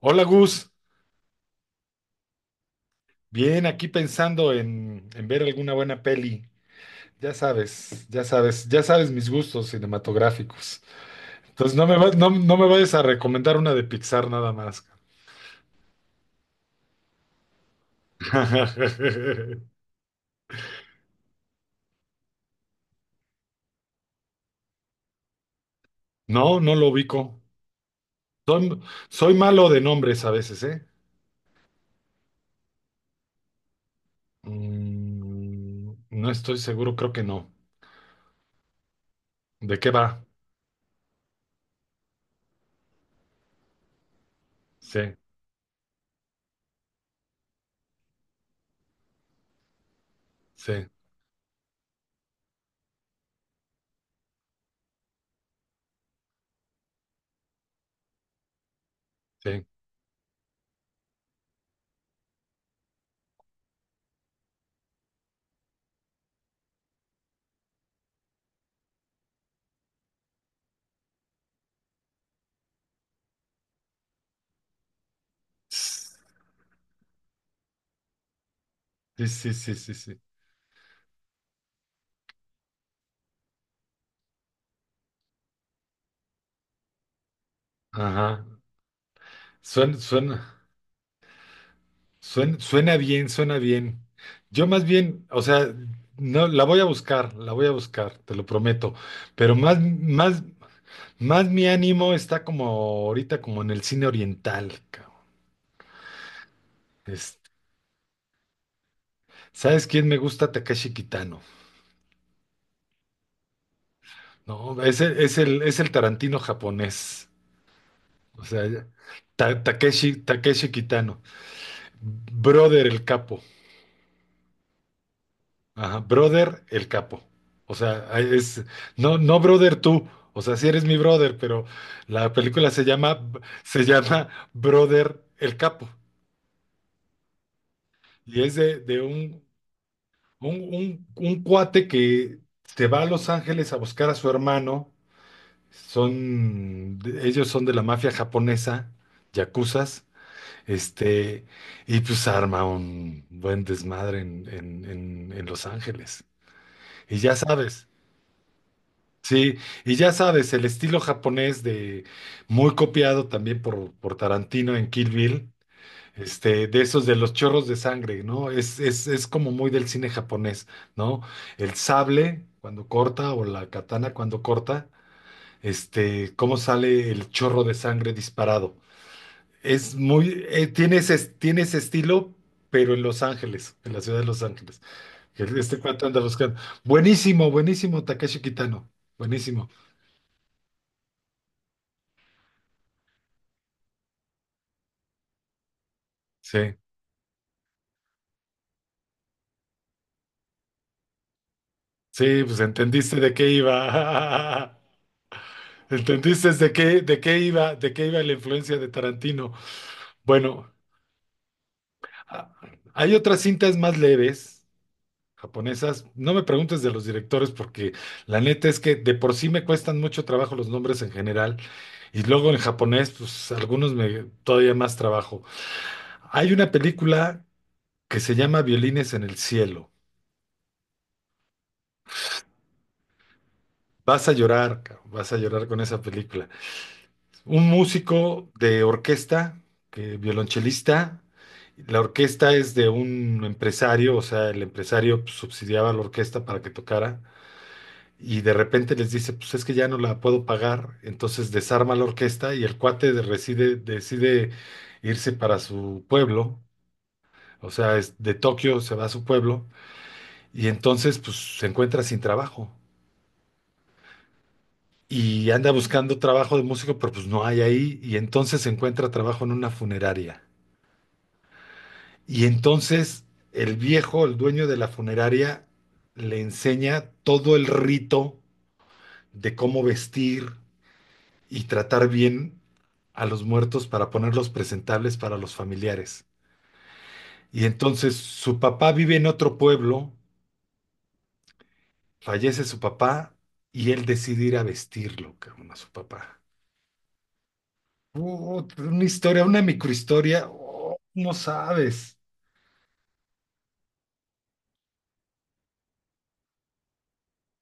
Hola Gus, bien aquí pensando en ver alguna buena peli. Ya sabes, ya sabes, ya sabes mis gustos cinematográficos. Entonces no, no me vayas a recomendar una de Pixar nada más. No, no lo ubico. Soy, soy malo de nombres a veces, ¿eh? No estoy seguro, creo que no. ¿De qué va? Sí, sí, sí. Sí, sí, sí, sí, sí. Ajá. Suena, suena. Suena bien, suena bien. Yo más bien, o sea, no, la voy a buscar, la voy a buscar, te lo prometo. Pero más, más, más mi ánimo está como ahorita, como en el cine oriental, cabrón. Es- ¿Sabes quién me gusta? Takeshi Kitano. No, es el Tarantino japonés. O sea, Takeshi Kitano. Brother el capo. Ajá, brother, el capo. O sea, no, no brother tú. O sea, sí eres mi brother, pero la película se llama Brother, el capo. Y es un cuate que se va a Los Ángeles a buscar a su hermano. Son, ellos son de la mafia japonesa, yakuzas. Este, y pues arma un buen desmadre en Los Ángeles. Y ya sabes. Sí, y ya sabes, el estilo japonés de muy copiado también por Tarantino en Kill Bill, de esos de los chorros de sangre, ¿no? Es como muy del cine japonés, ¿no? El sable cuando corta o la katana cuando corta, cómo sale el chorro de sangre disparado. Es muy, tiene tiene ese estilo, pero en Los Ángeles, en la ciudad de Los Ángeles. Este cuate anda buscando. Buenísimo, buenísimo, Takeshi Kitano. Buenísimo. Sí. Sí, pues entendiste de qué iba. ¿Entendiste de qué iba la influencia de Tarantino? Bueno, a- hay otras cintas más leves, japonesas. No me preguntes de los directores porque la neta es que de por sí me cuestan mucho trabajo los nombres en general y luego en japonés, pues algunos me todavía más trabajo. Hay una película que se llama Violines en el Cielo. Vas a llorar, cabrón, vas a llorar con esa película. Un músico de orquesta, que, violonchelista. La orquesta es de un empresario, o sea, el empresario pues, subsidiaba a la orquesta para que tocara. Y de repente les dice, pues es que ya no la puedo pagar. Entonces desarma la orquesta y el cuate decide irse para su pueblo. O sea, es de Tokio se va a su pueblo. Y entonces pues se encuentra sin trabajo. Y anda buscando trabajo de músico, pero pues no hay ahí. Y entonces se encuentra trabajo en una funeraria. Y entonces el viejo, el dueño de la funeraria, le enseña todo el rito de cómo vestir y tratar bien a los muertos para ponerlos presentables para los familiares. Y entonces su papá vive en otro pueblo, fallece su papá y él decide ir a vestirlo, cabrón, a su papá. Una historia, una microhistoria, oh, no sabes.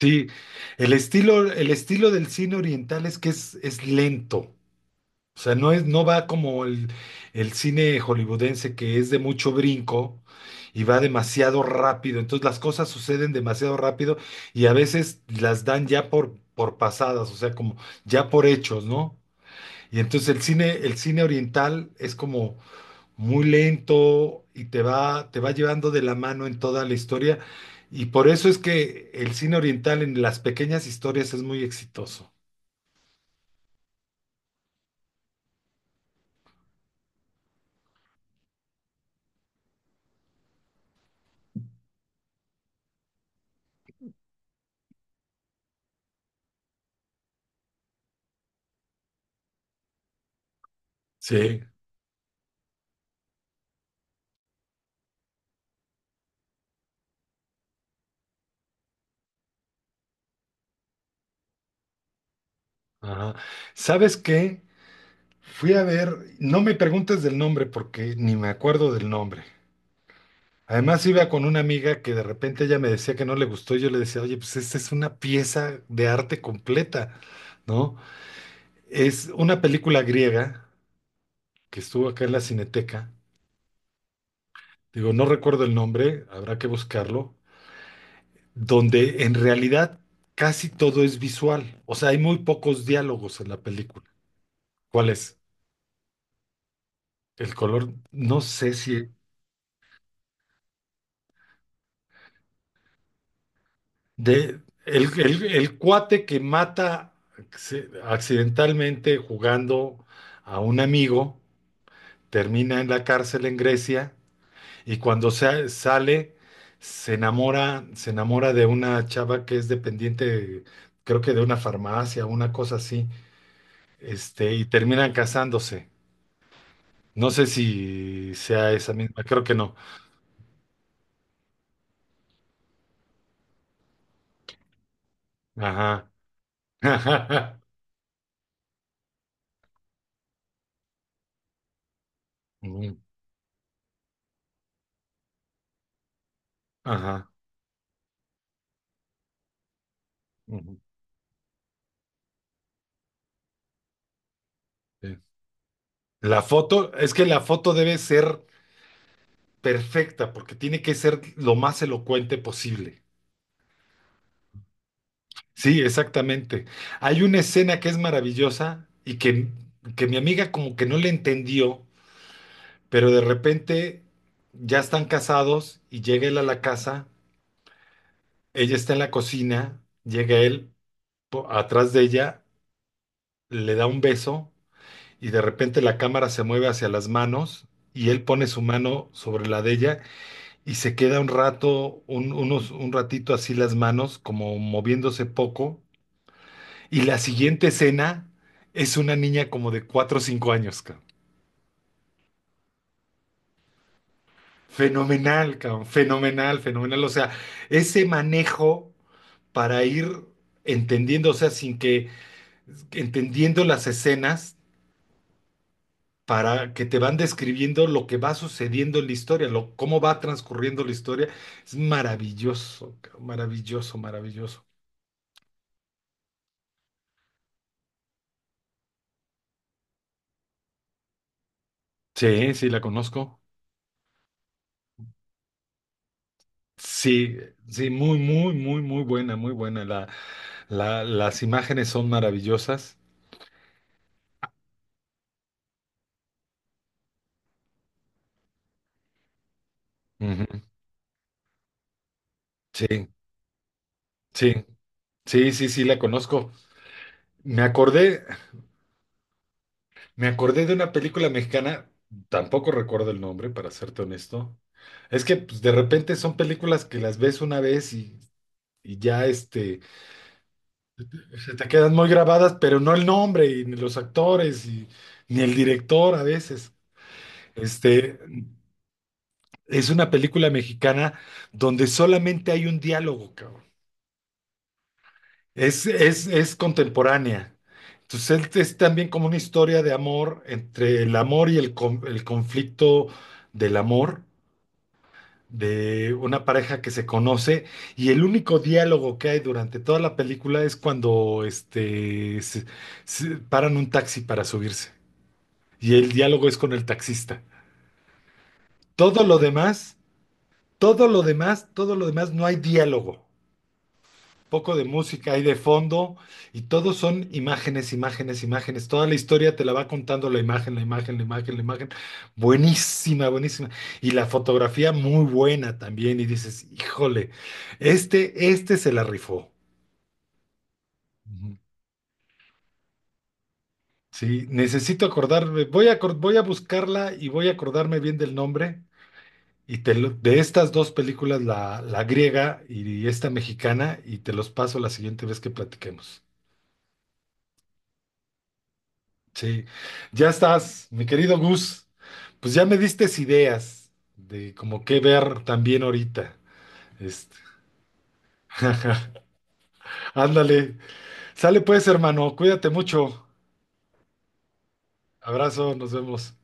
Sí, el estilo del cine oriental es que es lento. O sea, no es, no va como el cine hollywoodense que es de mucho brinco y va demasiado rápido. Entonces las cosas suceden demasiado rápido y a veces las dan ya por pasadas, o sea, como ya por hechos, ¿no? Y entonces el cine oriental es como muy lento y te va llevando de la mano en toda la historia. Y por eso es que el cine oriental en las pequeñas historias es muy exitoso. Sí. Ajá. ¿Sabes qué? Fui a ver, no me preguntes del nombre porque ni me acuerdo del nombre. Además iba con una amiga que de repente ella me decía que no le gustó y yo le decía, oye, pues esta es una pieza de arte completa, ¿no? Es una película griega que estuvo acá en la Cineteca, digo, no recuerdo el nombre, habrá que buscarlo, donde en realidad casi todo es visual, o sea, hay muy pocos diálogos en la película. ¿Cuál es? El color, no sé si. De, el cuate que mata accidentalmente jugando a un amigo, termina en la cárcel en Grecia y cuando sale se enamora de una chava que es dependiente, creo que de una farmacia, una cosa así, y terminan casándose. No sé si sea esa misma, creo que no. Ajá. Ujú. Ajá, ujú, sí. La foto, es que la foto debe ser perfecta, porque tiene que ser lo más elocuente posible. Sí, exactamente. Hay una escena que es maravillosa que mi amiga como que no le entendió, pero de repente ya están casados y llega él a la casa, ella está en la cocina, llega él atrás de ella, le da un beso y de repente la cámara se mueve hacia las manos y él pone su mano sobre la de ella. Y se queda un rato, un ratito así las manos, como moviéndose poco. Y la siguiente escena es una niña como de 4 o 5 años, cabrón. Fenomenal, cabrón. Fenomenal, fenomenal. O sea, ese manejo para ir entendiendo, o sea, sin que, entendiendo las escenas para que te van describiendo lo que va sucediendo en la historia, lo, cómo va transcurriendo la historia, es maravilloso, cabrón, maravilloso, maravilloso. Sí, sí, la conozco. Sí, sí, muy, muy, muy, muy buena, muy buena. Las imágenes son maravillosas. Ujú. Sí, sí, sí, sí, sí, la conozco. Me acordé, me acordé de una película mexicana, tampoco recuerdo el nombre, para serte honesto. Es que pues, de repente son películas que las ves una vez y ya se te quedan muy grabadas, pero no el nombre, y ni los actores, y, ni el director a veces. Este, Es una película mexicana donde solamente hay un diálogo, cabrón. Es contemporánea. Entonces es también como una historia de amor entre el amor y el conflicto del amor de una pareja que se conoce y el único diálogo que hay durante toda la película es cuando se paran un taxi para subirse y el diálogo es con el taxista. Todo lo demás, todo lo demás, todo lo demás no hay diálogo. Poco de música ahí de fondo y todos son imágenes, imágenes, imágenes. Toda la historia te la va contando la imagen, la imagen, la imagen, la imagen. Buenísima, buenísima. Y la fotografía muy buena también. Y dices, híjole, este se la rifó. Ujú. Sí, necesito acordarme. Voy a buscarla y voy a acordarme bien del nombre. De estas dos películas, la griega y esta mexicana, y te los paso la siguiente vez que platiquemos. Sí, ya estás, mi querido Gus. Pues ya me diste ideas de como qué ver también ahorita. Este. Ándale, sale pues, hermano, cuídate mucho. Abrazo, nos vemos.